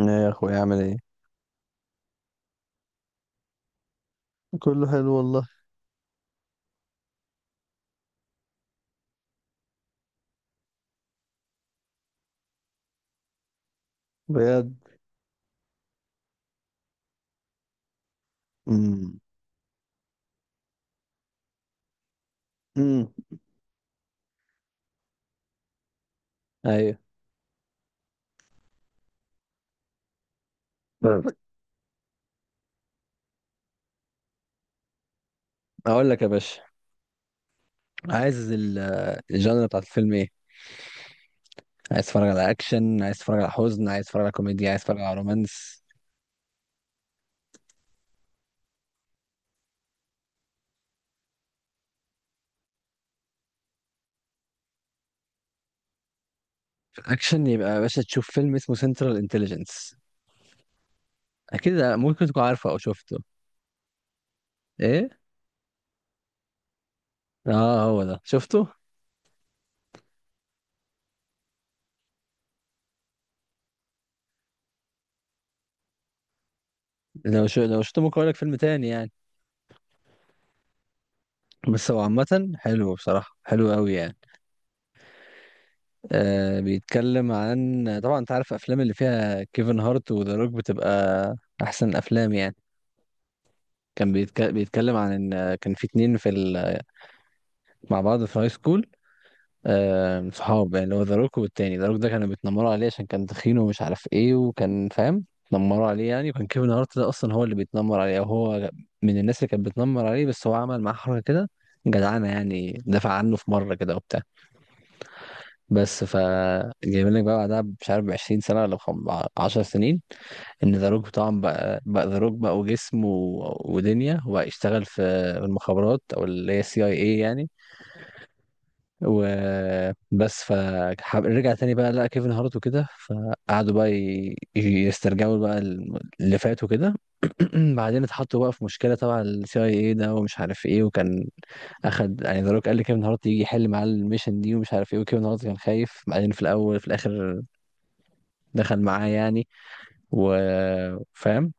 ايه يا اخويا اعمل ايه؟ كله حلو والله. بجد. امم امم ايوه طيب. اقول لك يا باشا، عايز الجانرا بتاعت الفيلم ايه؟ عايز تتفرج على اكشن، عايز تتفرج على حزن، عايز تتفرج على كوميديا، عايز تتفرج على رومانس؟ في الاكشن يبقى يا باشا تشوف فيلم اسمه سنترال انتليجنس. اكيد ممكن تكون عارفه او شفته. ايه؟ اه هو ده شفته. لو شو لو شفته ممكن اقول لك فيلم تاني يعني. بس هو عامه حلو، بصراحه حلو قوي يعني. بيتكلم عن، طبعا انت عارف الافلام اللي فيها كيفن هارت وذا روك بتبقى احسن افلام يعني. بيتكلم عن ان كان في اتنين مع بعض في هاي سكول. آه، صحاب يعني، اللي هو ذا روك والتاني، ذا روك ده كانوا بيتنمروا عليه عشان كان تخين ومش عارف ايه، وكان، فاهم، اتنمروا عليه يعني. وكان كيفن هارت ده اصلا هو اللي بيتنمر عليه، او هو من الناس اللي كانت بتنمر عليه، بس هو عمل معاه حركة كده جدعانة يعني، دافع عنه في مرة كده وبتاع. بس ف، جايبين لك بقى بعدها، مش عارف 20 سنة ولا 10 سنين، ان ذا روك طبعا بقى بقى ذا روك بقى، وجسم ودنيا، وبقى يشتغل في المخابرات، او اللي هي السي اي اي يعني. وبس ف، رجع تاني بقى لقى كيفن هارت وكده، فقعدوا بقى يسترجعوا بقى اللي فات وكده. بعدين اتحطوا بقى في مشكلة تبع السي اي اي ده ومش عارف ايه، وكان اخد يعني، ذا روك قال لي كيفن هارت يجي يحل معاه الميشن دي ومش عارف ايه. وكيفن هارت كان خايف بعدين، في الاول، في الاخر دخل معاه يعني، وفاهم.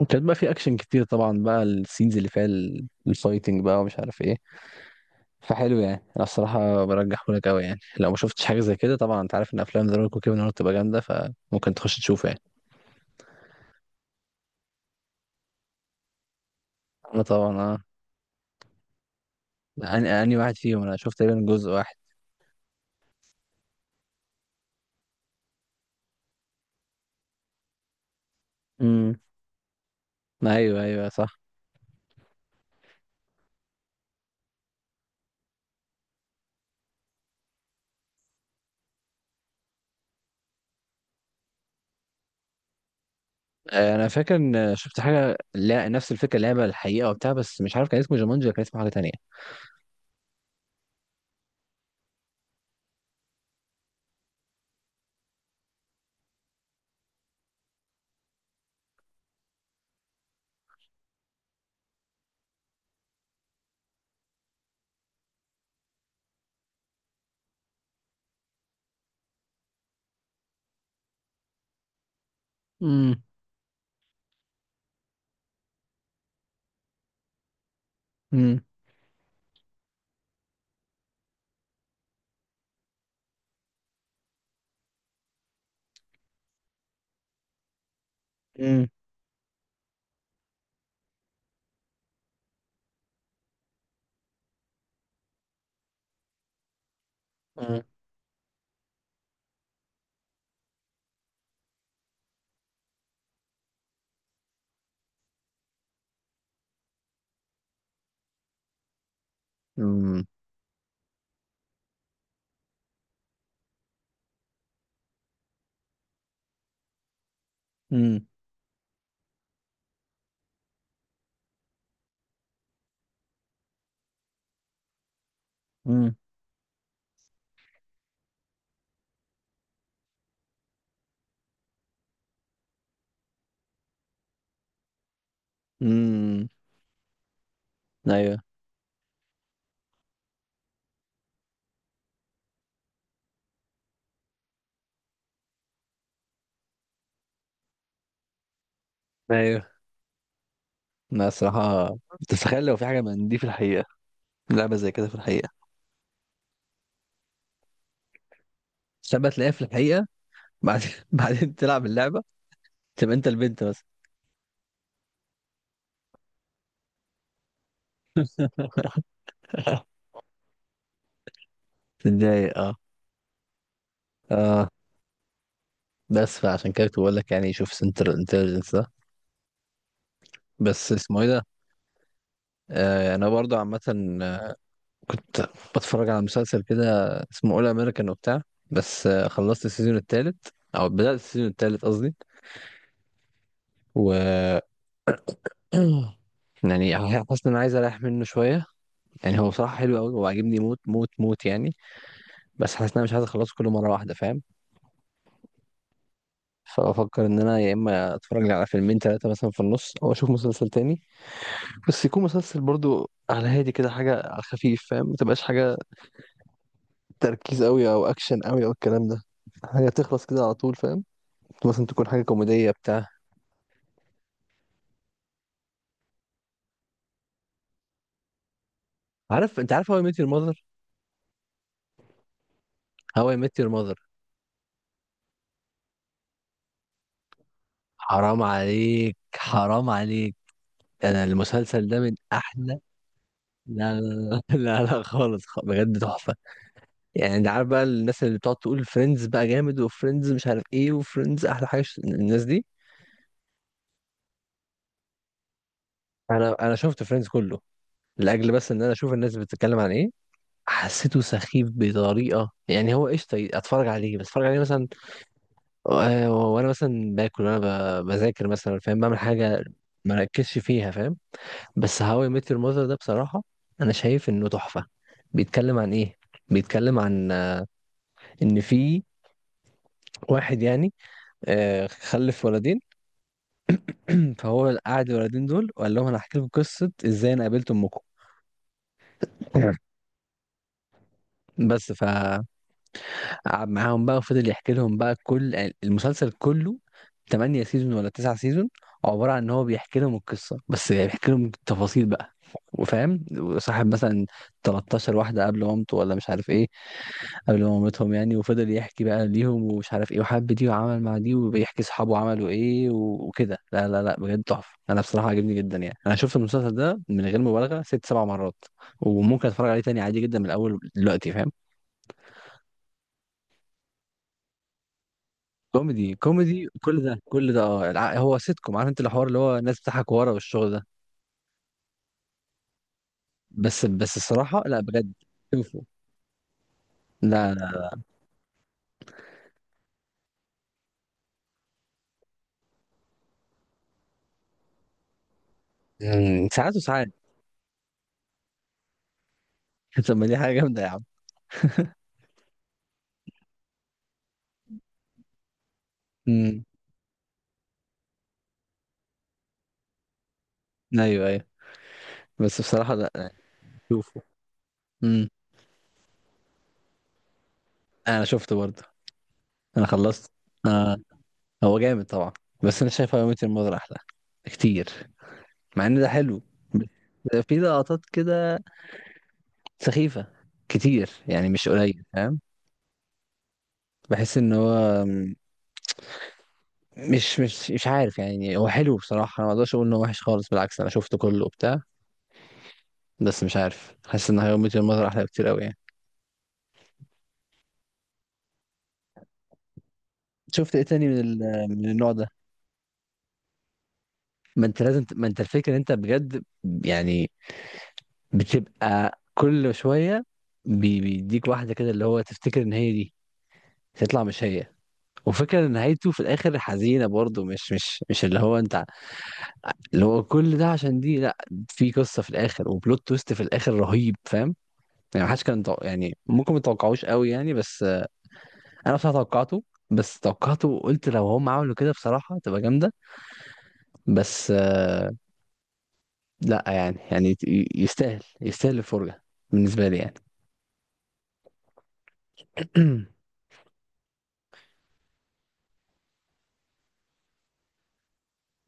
وكانت بقى في اكشن كتير طبعا بقى، السينز اللي فيها الفايتنج بقى ومش عارف ايه. فحلو يعني. انا الصراحه برجحه لك قوي يعني، لو ما شفتش حاجه زي كده. طبعا انت عارف ان افلام ذا روك وكيفن هارت بتبقى جامده، فممكن تخش تشوفه يعني. انا طبعا اه. اني واحد فيهم، انا شفت تقريبا جزء واحد. امم. ايوه، صح. آه، انا فاكر ان شفت حاجه، لا نفس الفكره، لعبه الحقيقه وبتاع، بس مش عارف كان اسمه جومانجي ولا كان اسمه حاجه تانية. امم امم امم امم امم امم ايوه ايوه. لا الصراحه، تتخيل لو في حاجه من دي في الحقيقه، لعبه زي كده في الحقيقه، سبت تلاقيها في الحقيقه، بعد بعدين تلعب اللعبه، تبقى انت البنت بس. تتضايق اه. اه. بس فعشان كده كنت بقول لك يعني، شوف سنتر انتليجنس ده. بس اسمه ايه ده؟ آه انا برضه عامه، آه، كنت بتفرج على مسلسل كده اسمه اول امريكان وبتاع. بس آه، خلصت السيزون الثالث، او بدأت السيزون الثالث قصدي. و، يعني، حاسس ان انا عايز اريح منه شويه. يعني هو بصراحه حلو قوي، هو عاجبني موت موت موت يعني. بس حاسس ان انا مش عايز اخلصه كله مره واحده، فاهم. فافكر ان انا يا اما اتفرج لي على فيلمين ثلاثه مثلا في النص، او اشوف مسلسل تاني. بس يكون مسلسل برضو على هادي كده، حاجه على الخفيف فاهم، ما تبقاش حاجه تركيز قوي او اكشن قوي او الكلام ده. حاجه تخلص كده على طول فاهم، مثلا تكون حاجه كوميديه بتاع عارف، انت عارف هواي ميت يور ماذر؟ هواي ميت يور ماذر. حرام عليك، حرام عليك. انا المسلسل ده من احلى. لا، خالص، بجد تحفة. يعني انت عارف بقى الناس اللي بتقعد تقول فريندز بقى جامد، وفريندز مش عارف ايه، وفريندز احلى حاجة، الناس دي. انا شفت فريندز كله، لاجل بس ان انا اشوف الناس بتتكلم عن ايه. حسيته سخيف بطريقة، يعني هو قشطة اتفرج عليه بس، اتفرج عليه مثلا آه، وانا مثلا باكل وانا بذاكر مثلا فاهم، بعمل حاجة ما ركزش فيها فاهم. بس هاو اي ميت يور ماذر ده بصراحة انا شايف انه تحفة. بيتكلم عن ايه؟ بيتكلم عن آه، ان في واحد يعني آه، خلف ولدين. فهو قعد الولدين دول وقال لهم انا هحكي لكم قصه ازاي انا قابلت امكم. بس فقعد معاهم بقى وفضل يحكي لهم بقى كل، يعني المسلسل كله 8 سيزون ولا 9 سيزون، عباره عن ان هو بيحكي لهم القصه، بس يعني بيحكي لهم التفاصيل بقى، وفاهم وصاحب مثلا 13 واحده قبل مامته ولا مش عارف ايه، قبل مامتهم يعني. وفضل يحكي بقى ليهم ومش عارف ايه، وحب دي وعمل مع دي، وبيحكي صحابه عملوا ايه وكده. لا، بجد تحفة، انا بصراحة عجبني جدا يعني. انا شفت المسلسل ده من غير مبالغة ست سبع مرات، وممكن اتفرج عليه تاني عادي جدا من الاول دلوقتي فاهم. كوميدي، كل ده كل ده اه، هو سيت كوم، عارف انت، الحوار اللي هو الناس بتضحك ورا والشغل ده. بس الصراحة لا، بجد. شوفوا. لا لا. مم، ساعات وساعات. طب ما دي حاجة جامدة يا عم. امم. ايوه، بس بصراحة لا. شوفوا. امم. انا شفته برضه. انا خلصت. آه. هو جامد طبعا، بس انا شايف هاو ميت الموضوع احلى كتير، مع ان ده حلو. بس في لقطات كده سخيفة كتير يعني، مش قليل فاهم. بحس ان هو مش عارف يعني. هو حلو بصراحة، انا ما اقدرش اقول انه وحش خالص، بالعكس انا شفته كله وبتاع. بس مش عارف، حاسس ان هاو ميت الموضوع احلى كتير قوي يعني. شفت ايه تاني من من النوع ده؟ ما انت لازم ما انت الفكرة ان انت بجد، يعني، بتبقى كل شوية بيديك واحدة كده اللي هو تفتكر ان هي دي، تطلع مش هي. وفكرة ان نهايته في الاخر حزينة برضه، مش اللي هو انت، اللي هو كل ده عشان دي لا، في قصة في الاخر وبلوت تويست في الاخر رهيب فاهم. يعني محدش كان يعني ممكن متوقعوش قوي يعني، بس آه، انا بصراحة توقعته. بس توقعته وقلت لو هم عملوا كده بصراحة تبقى جامدة. بس آه، لا يعني، يستاهل، يستاهل الفرجة بالنسبة لي يعني.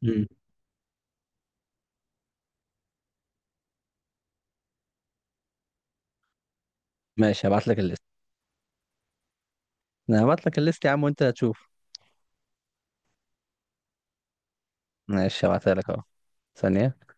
مم. ماشي هبعت لك. انا هبعت لك الليست يا عم وانت هتشوف. ماشي، هبعتها لك اهو. ثانية.